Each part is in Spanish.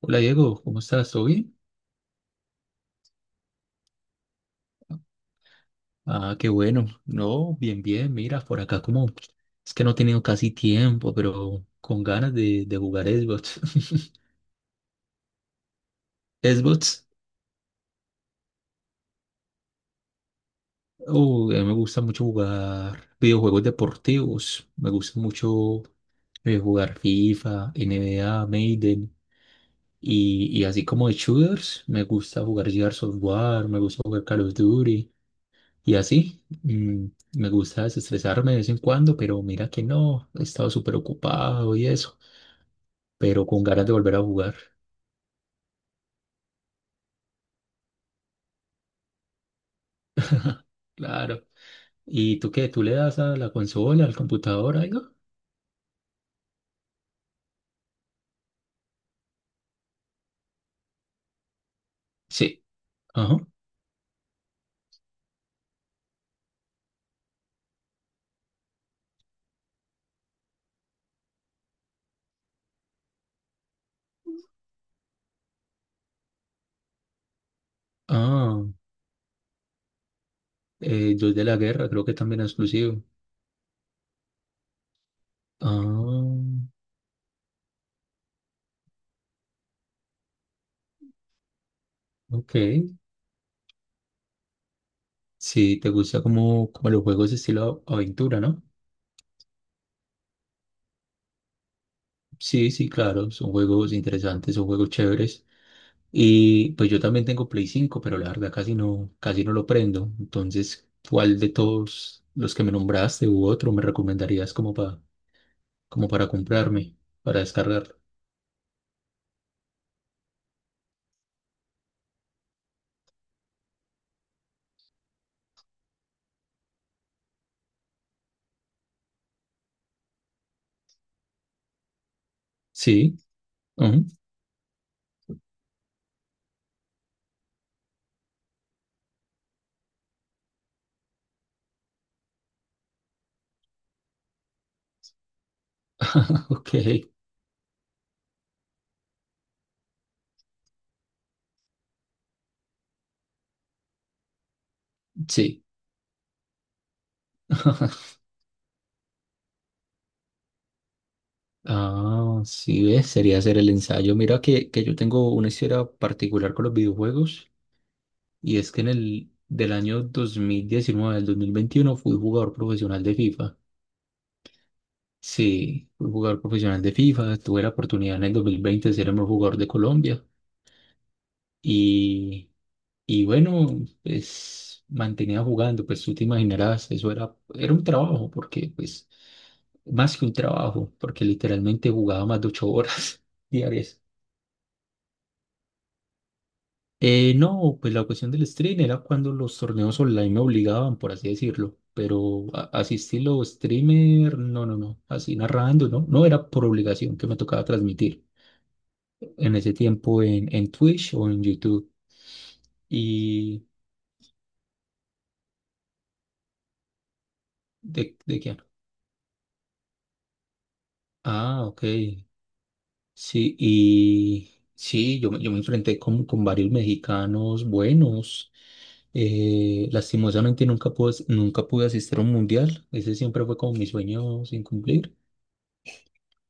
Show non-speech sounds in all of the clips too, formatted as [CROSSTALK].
Hola Diego, ¿cómo estás? ¿Todo bien? Ah, qué bueno. No, bien, bien. Mira, por acá como es que no he tenido casi tiempo, pero con ganas de jugar Xbox. [LAUGHS] Xbox, oh, a mí me gusta mucho jugar videojuegos deportivos. Me gusta mucho jugar FIFA, NBA, Maiden. Y así como de shooters, me gusta jugar Gears of War, me gusta jugar Call of Duty. Y así, me gusta desestresarme de vez en cuando, pero mira que no, he estado súper ocupado y eso, pero con ganas de volver a jugar, claro. ¿Y tú qué? ¿Tú le das a la consola, al computador, algo? Sí. Ajá. Ah, Dios de la Guerra, creo que también es exclusivo. Ah, ok. Sí, te gusta como, como los juegos estilo aventura, ¿no? Sí, sí, claro, son juegos interesantes, son juegos chéveres. Y pues yo también tengo Play 5, pero la verdad casi no lo prendo. Entonces, ¿cuál de todos los que me nombraste u otro me recomendarías como para, como para comprarme, para descargarlo? Sí, ujú, [LAUGHS] ok, sí. Ah, sí, ves, sería hacer el ensayo. Mira que yo tengo una historia particular con los videojuegos y es que en el del año 2019 al 2021 fui jugador profesional de FIFA. Sí, fui jugador profesional de FIFA, tuve la oportunidad en el 2020 de ser el mejor jugador de Colombia y, y bueno, pues mantenía jugando, pues tú te imaginarás, era un trabajo, porque pues más que un trabajo, porque literalmente jugaba más de 8 horas [LAUGHS] diarias. No, pues la cuestión del stream era cuando los torneos online me obligaban, por así decirlo, pero así estilo streamer, no, así narrando, no, no era por obligación que me tocaba transmitir. En ese tiempo en Twitch o en YouTube. ¿Y de quién? Ah, ok. Sí, y sí, yo me enfrenté con varios mexicanos buenos. Lastimosamente nunca pude asistir a un mundial. Ese siempre fue como mi sueño sin cumplir.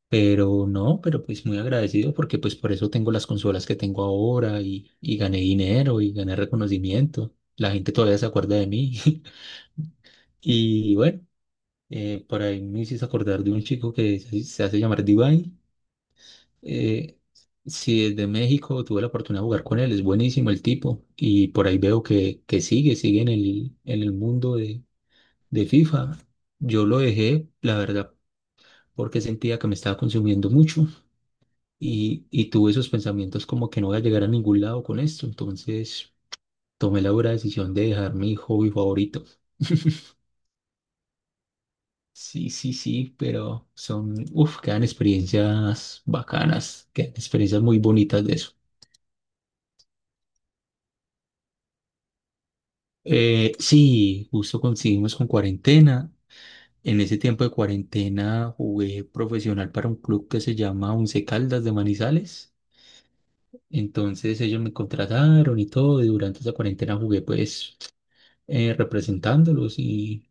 Pero no, pero pues muy agradecido porque pues por eso tengo las consolas que tengo ahora y gané dinero y gané reconocimiento. La gente todavía se acuerda de mí. [LAUGHS] Y bueno. Por ahí me hiciste acordar de un chico que se hace llamar Divine. Eh, si es de México, tuve la oportunidad de jugar con él, es buenísimo el tipo. Y por ahí veo que sigue, sigue en el mundo de FIFA. Yo lo dejé, la verdad, porque sentía que me estaba consumiendo mucho y tuve esos pensamientos como que no voy a llegar a ningún lado con esto. Entonces tomé la dura decisión de dejar mi hobby favorito. Sí, sí, sí, pero son, uff, quedan experiencias bacanas, quedan experiencias muy bonitas de eso. Sí, justo coincidimos con cuarentena. En ese tiempo de cuarentena jugué profesional para un club que se llama Once Caldas de Manizales. Entonces ellos me contrataron y todo, y durante esa cuarentena jugué pues representándolos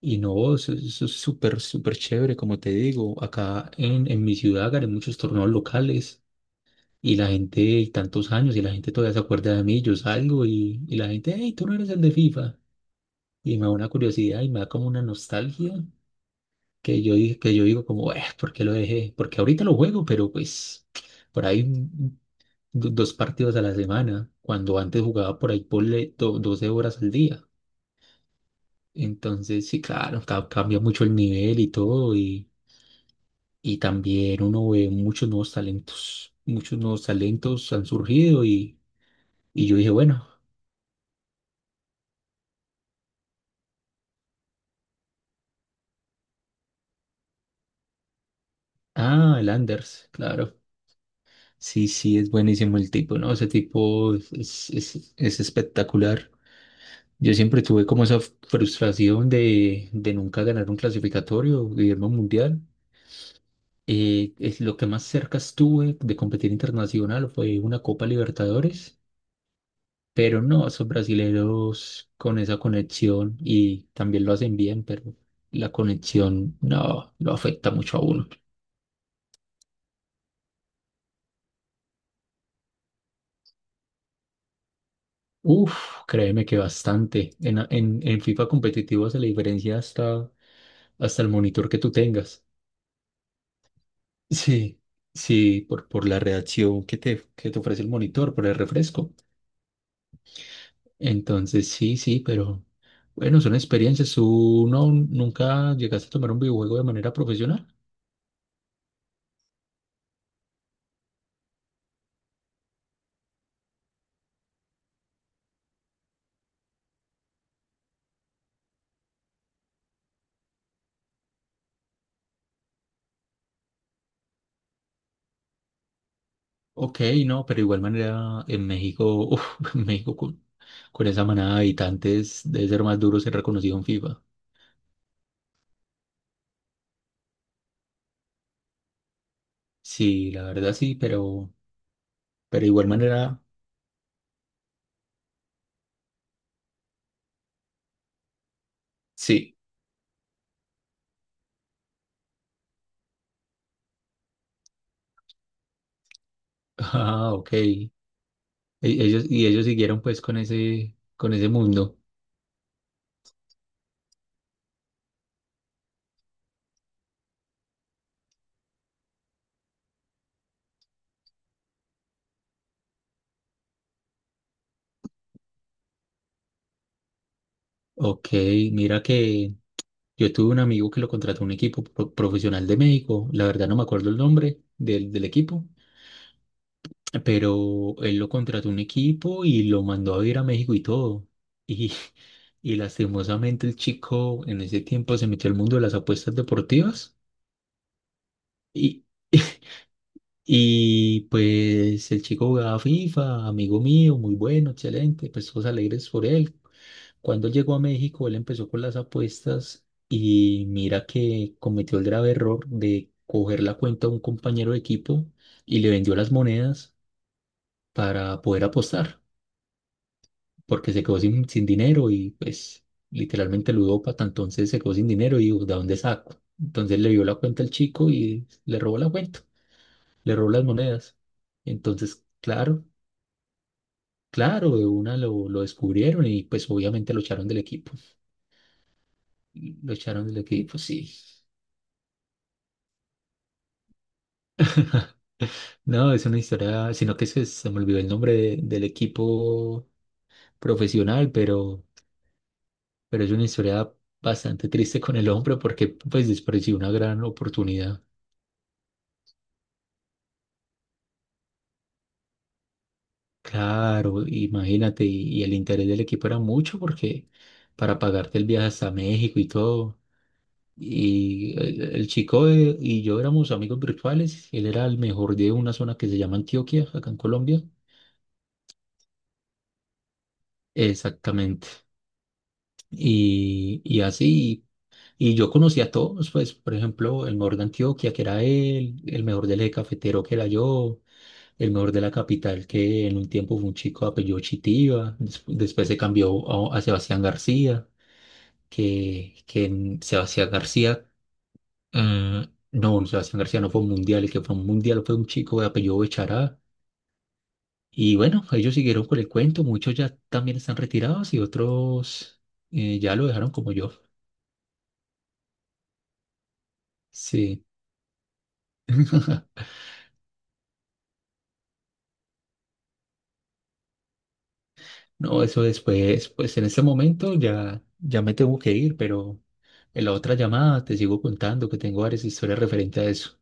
y no, eso es súper, súper chévere, como te digo. Acá en mi ciudad gané muchos torneos locales. Y la gente, y tantos años, y la gente todavía se acuerda de mí, yo salgo y la gente, hey, tú no eres el de FIFA. Y me da una curiosidad y me da como una nostalgia que que yo digo como, ¿por qué lo dejé? Porque ahorita lo juego, pero pues por ahí dos partidos a la semana, cuando antes jugaba por ahí por 12 horas al día. Entonces, sí, claro, cambia mucho el nivel y todo, y también uno ve muchos nuevos talentos han surgido y... Y yo dije, bueno. Ah, el Anders, claro. Sí, sí, es buenísimo el tipo, ¿no? Ese tipo es, es espectacular. Yo siempre tuve como esa frustración de nunca ganar un clasificatorio, Guillermo Mundial. Es lo que más cerca estuve de competir internacional fue una Copa Libertadores, pero no, esos brasileros con esa conexión y también lo hacen bien, pero la conexión no lo afecta mucho a uno. Uf, créeme que bastante. En FIFA competitivo hace la diferencia hasta, hasta el monitor que tú tengas. Sí, sí, por la reacción que te ofrece el monitor, por el refresco. Entonces, sí, sí, pero bueno, son experiencias. ¿Tú no, nunca llegaste a tomar un videojuego de manera profesional? Ok, no, pero igual manera en México, uf, [LAUGHS] en México con esa manada de habitantes debe ser más duro ser reconocido en FIFA. Sí, la verdad sí, pero de igual manera. Sí. [LAUGHS] Ah, ok. E- Ellos, y ellos siguieron pues con ese mundo. Ok, mira que yo tuve un amigo que lo contrató un equipo profesional de México. La verdad no me acuerdo el nombre del equipo, pero él lo contrató un equipo y lo mandó a ir a México y todo. [LAUGHS] Y, y lastimosamente el chico en ese tiempo se metió al mundo de las apuestas deportivas y, [LAUGHS] y pues el chico jugaba FIFA, amigo mío, muy bueno, excelente, pues todos alegres por él. Cuando él llegó a México, él empezó con las apuestas y mira que cometió el grave error de coger la cuenta de un compañero de equipo y le vendió las monedas para poder apostar, porque se quedó sin dinero y pues literalmente ludópata, entonces se quedó sin dinero y dijo, ¿de dónde saco? Entonces le dio la cuenta al chico y le robó la cuenta, le robó las monedas. Entonces, claro. Claro, de una lo descubrieron y pues obviamente lo echaron del equipo. Lo echaron del equipo, sí. [LAUGHS] No, es una historia, sino que se me olvidó el nombre del equipo profesional, pero es una historia bastante triste con el hombre porque pues desperdició una gran oportunidad. Claro, imagínate, y el interés del equipo era mucho porque para pagarte el viaje hasta México y todo. Y el chico y yo éramos amigos virtuales. Él era el mejor de una zona que se llama Antioquia, acá en Colombia. Exactamente. Y así, y yo conocí a todos, pues, por ejemplo, el mejor de Antioquia, que era él, el mejor del eje cafetero, que era yo, el mejor de la capital, que en un tiempo fue un chico de apellido Chitiva, después se cambió a Sebastián García, que en Sebastián García no, no, Sebastián García no fue un mundial, el que fue un mundial fue un chico de apellido Bechará. Y bueno, ellos siguieron con el cuento, muchos ya también están retirados y otros ya lo dejaron como yo. Sí, [LAUGHS] no, eso después, pues en este momento ya, ya me tengo que ir, pero en la otra llamada te sigo contando que tengo varias historias referente a eso.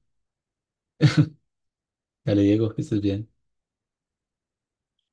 Dale, Diego, que estés bien.